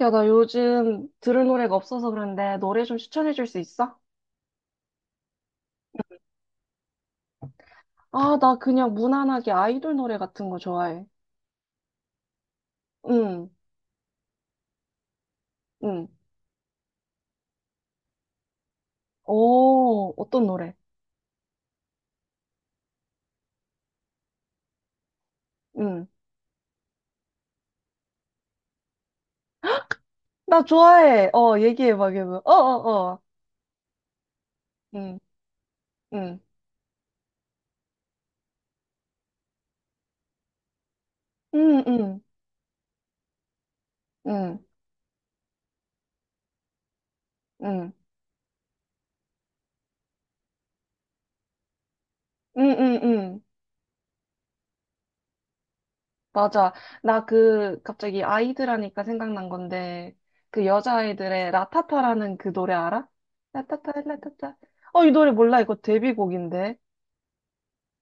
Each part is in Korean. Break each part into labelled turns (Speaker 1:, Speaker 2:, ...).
Speaker 1: 야, 나 요즘 들을 노래가 없어서 그런데 노래 좀 추천해 줄 수 있어? 아, 나 그냥 무난하게 아이돌 노래 같은 거 좋아해. 응, 응. 오, 어떤 노래? 응. 나 좋아해. 어, 얘기해 봐, 걔 뭐. 어, 어, 어. 응, 응. 응, 응, 응, 응, 응, 응, 응. 맞아. 나 그, 갑자기 아이들 하니까 생각난 건데, 그 여자아이들의 라타타라는 그 노래 알아? 라타타, 라타타. 어, 이 노래 몰라. 이거 데뷔곡인데.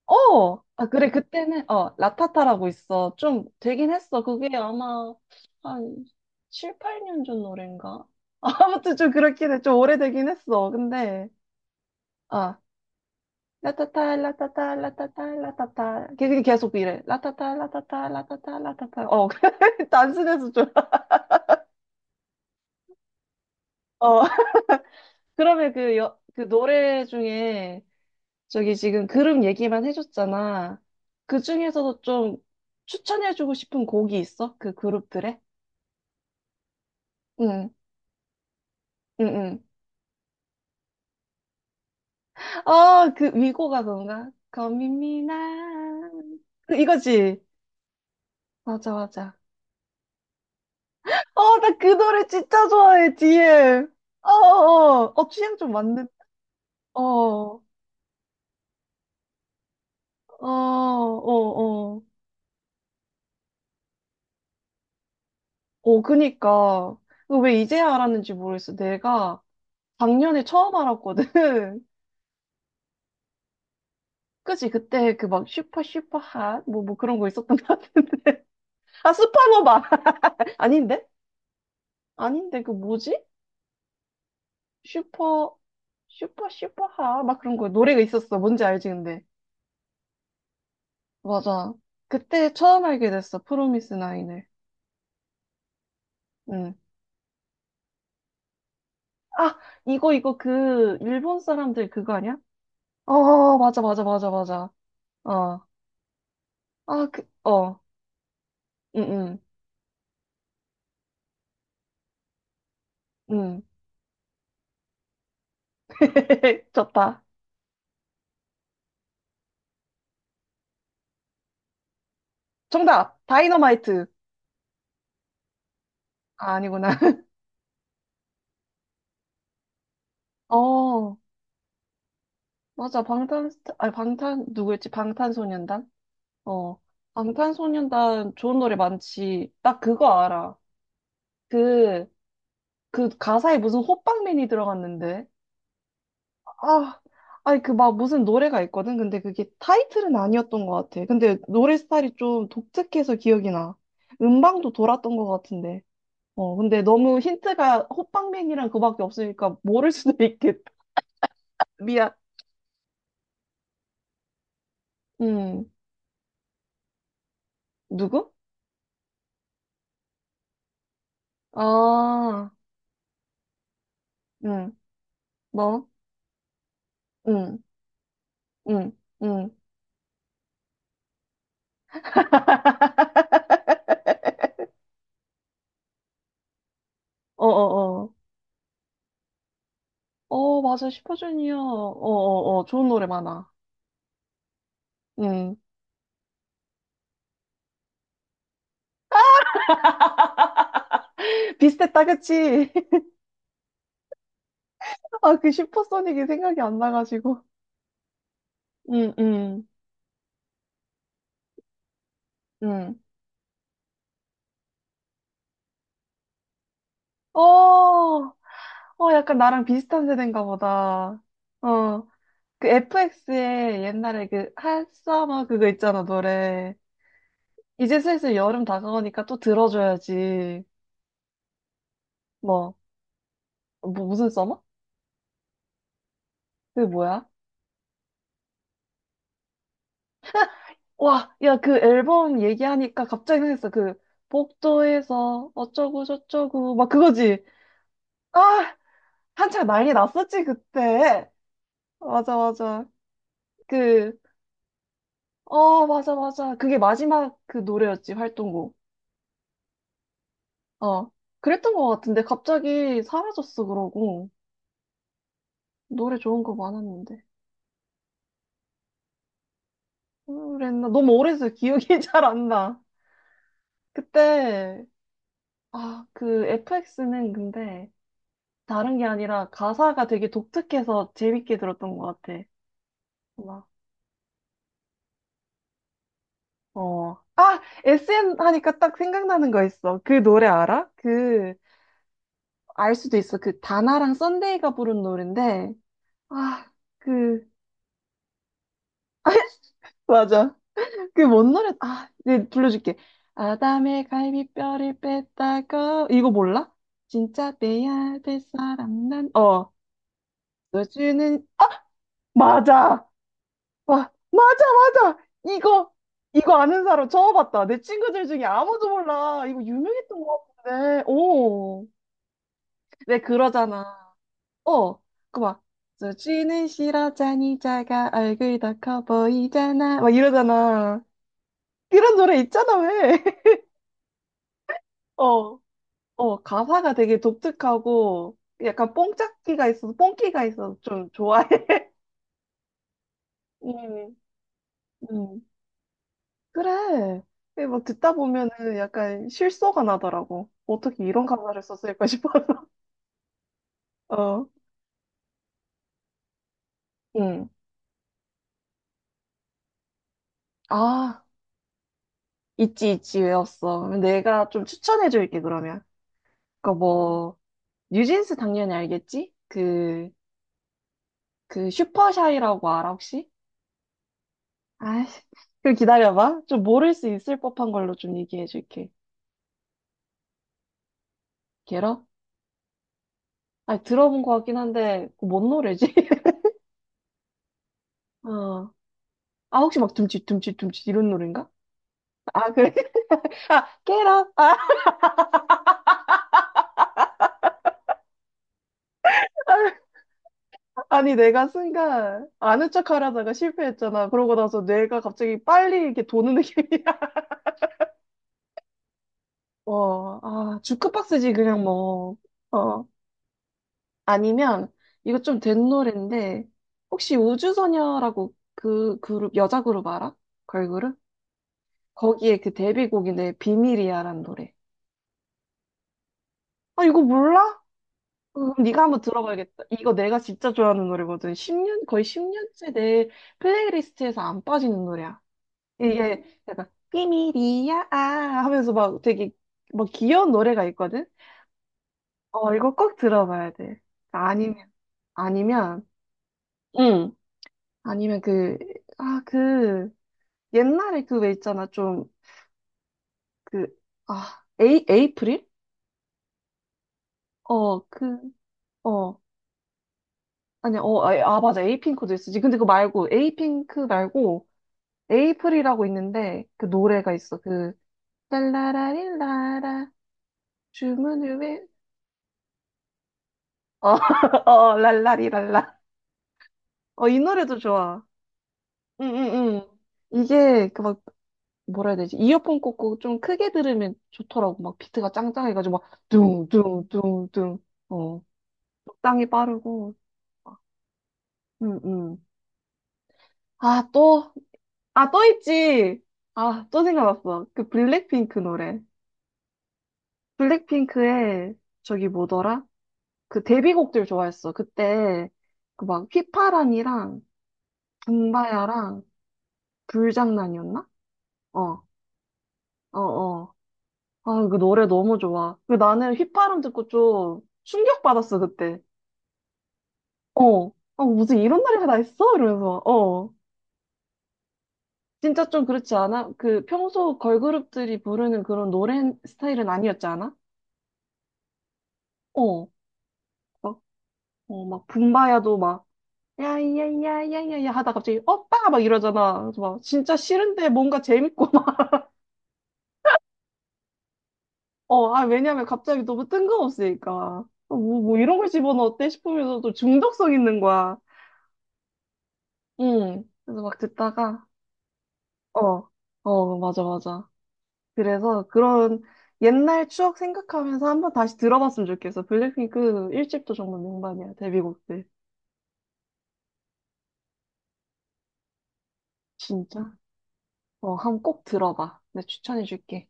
Speaker 1: 어! 아, 그래, 그때는, 어, 라타타라고 있어. 좀 되긴 했어. 그게 아마 한 7, 8년 전 노래인가? 아무튼 좀 그렇긴 해. 좀 오래되긴 했어. 근데, 아, 라타타, 라타타, 라타타, 라타타. 걔 그게 계속 이래. 라타타, 라타타, 라타타, 라타타. 어, 단순해서 좀. 어, 그러면 그, 여, 그 노래 중에 저기 지금 그룹 얘기만 해줬잖아. 그 중에서도 좀 추천해주고 싶은 곡이 있어? 그 그룹들의? 응, 응, 응. 어, 그 위고가 뭔가 거미미나 그 이거지. 맞아, 맞아. 어, 나 그 노래 진짜 좋아해, DM. 어, 어, 어, 어, 취향 좀 맞는. 어, 어, 어, 어. 어, 그니까. 이거 왜 이제야 알았는지 모르겠어. 내가 작년에 처음 알았거든. 그치, 그때 그 막 슈퍼 슈퍼 핫, 뭐 그런 거 있었던 것 같은데. 아, 슈퍼노바. 아닌데? 아닌데, 그 뭐지? 슈퍼, 슈퍼, 슈퍼하. 막 그런 거 노래가 있었어. 뭔지 알지, 근데. 맞아. 그때 처음 알게 됐어. 프로미스 나인을. 응. 아, 이거 그, 일본 사람들 그거 아니야? 어, 맞아, 맞아, 맞아, 맞아. 어. 아, 그, 어. 응, 응, 응. 좋다. 정답! 다이너마이트. 아, 아니구나. 어, 맞아. 방탄, 아, 방탄, 누구였지? 방탄소년단? 어. 방탄소년단 좋은 노래 많지. 나 그거 알아. 그, 그 가사에 무슨 호빵맨이 들어갔는데. 아, 아니 그 막 무슨 노래가 있거든. 근데 그게 타이틀은 아니었던 것 같아. 근데 노래 스타일이 좀 독특해서 기억이 나. 음방도 돌았던 것 같은데. 어, 근데 너무 힌트가 호빵맨이랑 그밖에 없으니까 모를 수도 있겠다. 미안. 음, 누구? 아, 응, 뭐? 응, 응, 응. 어, 어, 어. 어, 맞아. 슈퍼주니어. 어, 어, 어. 좋은 노래 많아. 응. 비슷했다, 그치? 아, 그 슈퍼소닉이 생각이 안 나가지고. 응, 응, 응. 어, 어, 약간 나랑 비슷한 세대인가 보다. 어, 그 FX의 옛날에 그 핫서머 그거 있잖아, 노래. 이제 슬슬 여름 다가오니까 또 들어줘야지. 뭐, 뭐 무슨 서머? 그게 뭐야? 와, 야, 그 앨범 얘기하니까 갑자기 생각했어. 그, 복도에서 어쩌고 저쩌고, 막 그거지. 아, 한창 난리 났었지, 그때. 맞아, 맞아. 그, 어, 맞아, 맞아. 그게 마지막 그 노래였지, 활동곡. 어. 그랬던 것 같은데, 갑자기 사라졌어, 그러고. 노래 좋은 거 많았는데. 그랬나? 너무 오래돼서 기억이 잘 안 나. 그때, 아, 그 FX는 근데 다른 게 아니라 가사가 되게 독특해서 재밌게 들었던 것 같아. 막, 어. 아! SN 하니까 딱 생각나는 거 있어. 그 노래 알아? 그, 알 수도 있어. 그 다나랑 썬데이가 부른 노래인데, 아, 그, 맞아. 그게 뭔 노래? 아, 네, 불러줄게. 아담의 갈비뼈를 뺐다고. 이거 몰라? 진짜 빼야 될 사람 난. 어, 너 주는. 맞아. 와, 맞아, 맞아. 이거, 이거 아는 사람 처음 봤다. 내 친구들 중에 아무도 몰라. 이거 유명했던 것 같은데. 오. 왜 그러잖아. 어, 그 막. 너 주는 싫어하자니 자가 얼굴 더 커 보이잖아. 막 이러잖아. 이런 노래 있잖아, 왜? 어, 어, 가사가 되게 독특하고, 약간 뽕짝기가 있어서, 뽕기가 있어서 좀 좋아해. 음, 음. 그래. 이게 막 듣다 보면은 약간 실소가 나더라고. 어떻게 이런 가사를 썼을까 싶어서. 어, 음. 아, 있지, 있지, 외웠어. 내가 좀 추천해줄게, 그러면. 그니까 뭐, 뉴진스 당연히 알겠지? 그, 그 슈퍼샤이라고 알아, 혹시? 아이, 그럼 기다려봐. 좀 모를 수 있을 법한 걸로 좀 얘기해줄게. 걔로? 아니, 들어본 것 같긴 한데, 그거 뭔 노래지? 어. 아, 혹시 막 둠칫, 둠칫, 둠칫 이런 노래인가? 아, 그래? 아, 깨라! 아, 아니, 내가 순간 아는 척 하려다가 실패했잖아. 그러고 나서 뇌가 갑자기 빨리 이렇게 도는 느낌이야. 어, 아, 주크박스지, 그냥 뭐. 어. 아니면, 이거 좀 된 노래인데, 혹시 우주소녀라고 그 그룹, 여자 그룹 알아? 걸그룹? 거기에 그 데뷔곡인데, 비밀이야라는 노래. 아, 이거 몰라? 그럼 네가 한번 들어봐야겠다. 이거 내가 진짜 좋아하는 노래거든. 십년 거의 10년째 내 플레이리스트에서 안 빠지는 노래야. 이게 약간 비밀이야 아 하면서 막 되게 막 귀여운 노래가 있거든. 어, 이거 꼭 들어봐야 돼. 아니면 아니면 응. 아니면 그 아, 그 옛날에 그 왜 있잖아. 좀 그 아, 에이 에이프릴? 어, 그 어. 아니, 어, 아, 아, 맞아. 에이핑크도 있었지. 근데 그거 말고, 에이핑크 말고, 에이프릴이라고 있는데 그 노래가 있어. 그 랄라라릴라라 주문을 왜? 어, 어, 랄라리랄라. 어, 이 노래도 좋아. 응응응. 이게 그 막 뭐라 해야 되지? 이어폰 꽂고 좀 크게 들으면 좋더라고. 막 비트가 짱짱해가지고 막 둥둥둥둥. 어, 적당히 빠르고. 응응. 아, 또, 아, 또 있지. 아, 또 생각났어. 그 블랙핑크 노래. 블랙핑크의 저기 뭐더라? 그 데뷔곡들 좋아했어. 그때 그 막 휘파람이랑 붐바야랑 불장난이었나? 어, 어, 어. 아, 그 노래 너무 좋아. 그 나는 휘파람 듣고 좀 충격받았어, 그때. 어, 어, 무슨 이런 노래가 다 있어? 이러면서. 어. 진짜 좀 그렇지 않아? 그 평소 걸그룹들이 부르는 그런 노래 스타일은 아니었지 않아? 어. 막, 어, 막 붐바야도 막 야야야야야야 하다 갑자기 오빠 막 이러잖아. 그래서 막 진짜 싫은데 뭔가 재밌고 어, 아, 왜냐면 갑자기 너무 뜬금없으니까. 어, 뭐 이런 걸 집어넣었대 싶으면서 또 중독성 있는 거야. 응. 그래서 막 듣다가, 어, 어, 맞아, 맞아. 그래서 그런 옛날 추억 생각하면서 한번 다시 들어봤으면 좋겠어. 블랙핑크 1집도 정말 명반이야, 데뷔곡들. 진짜. 어, 한번 꼭 들어봐. 내가 추천해줄게.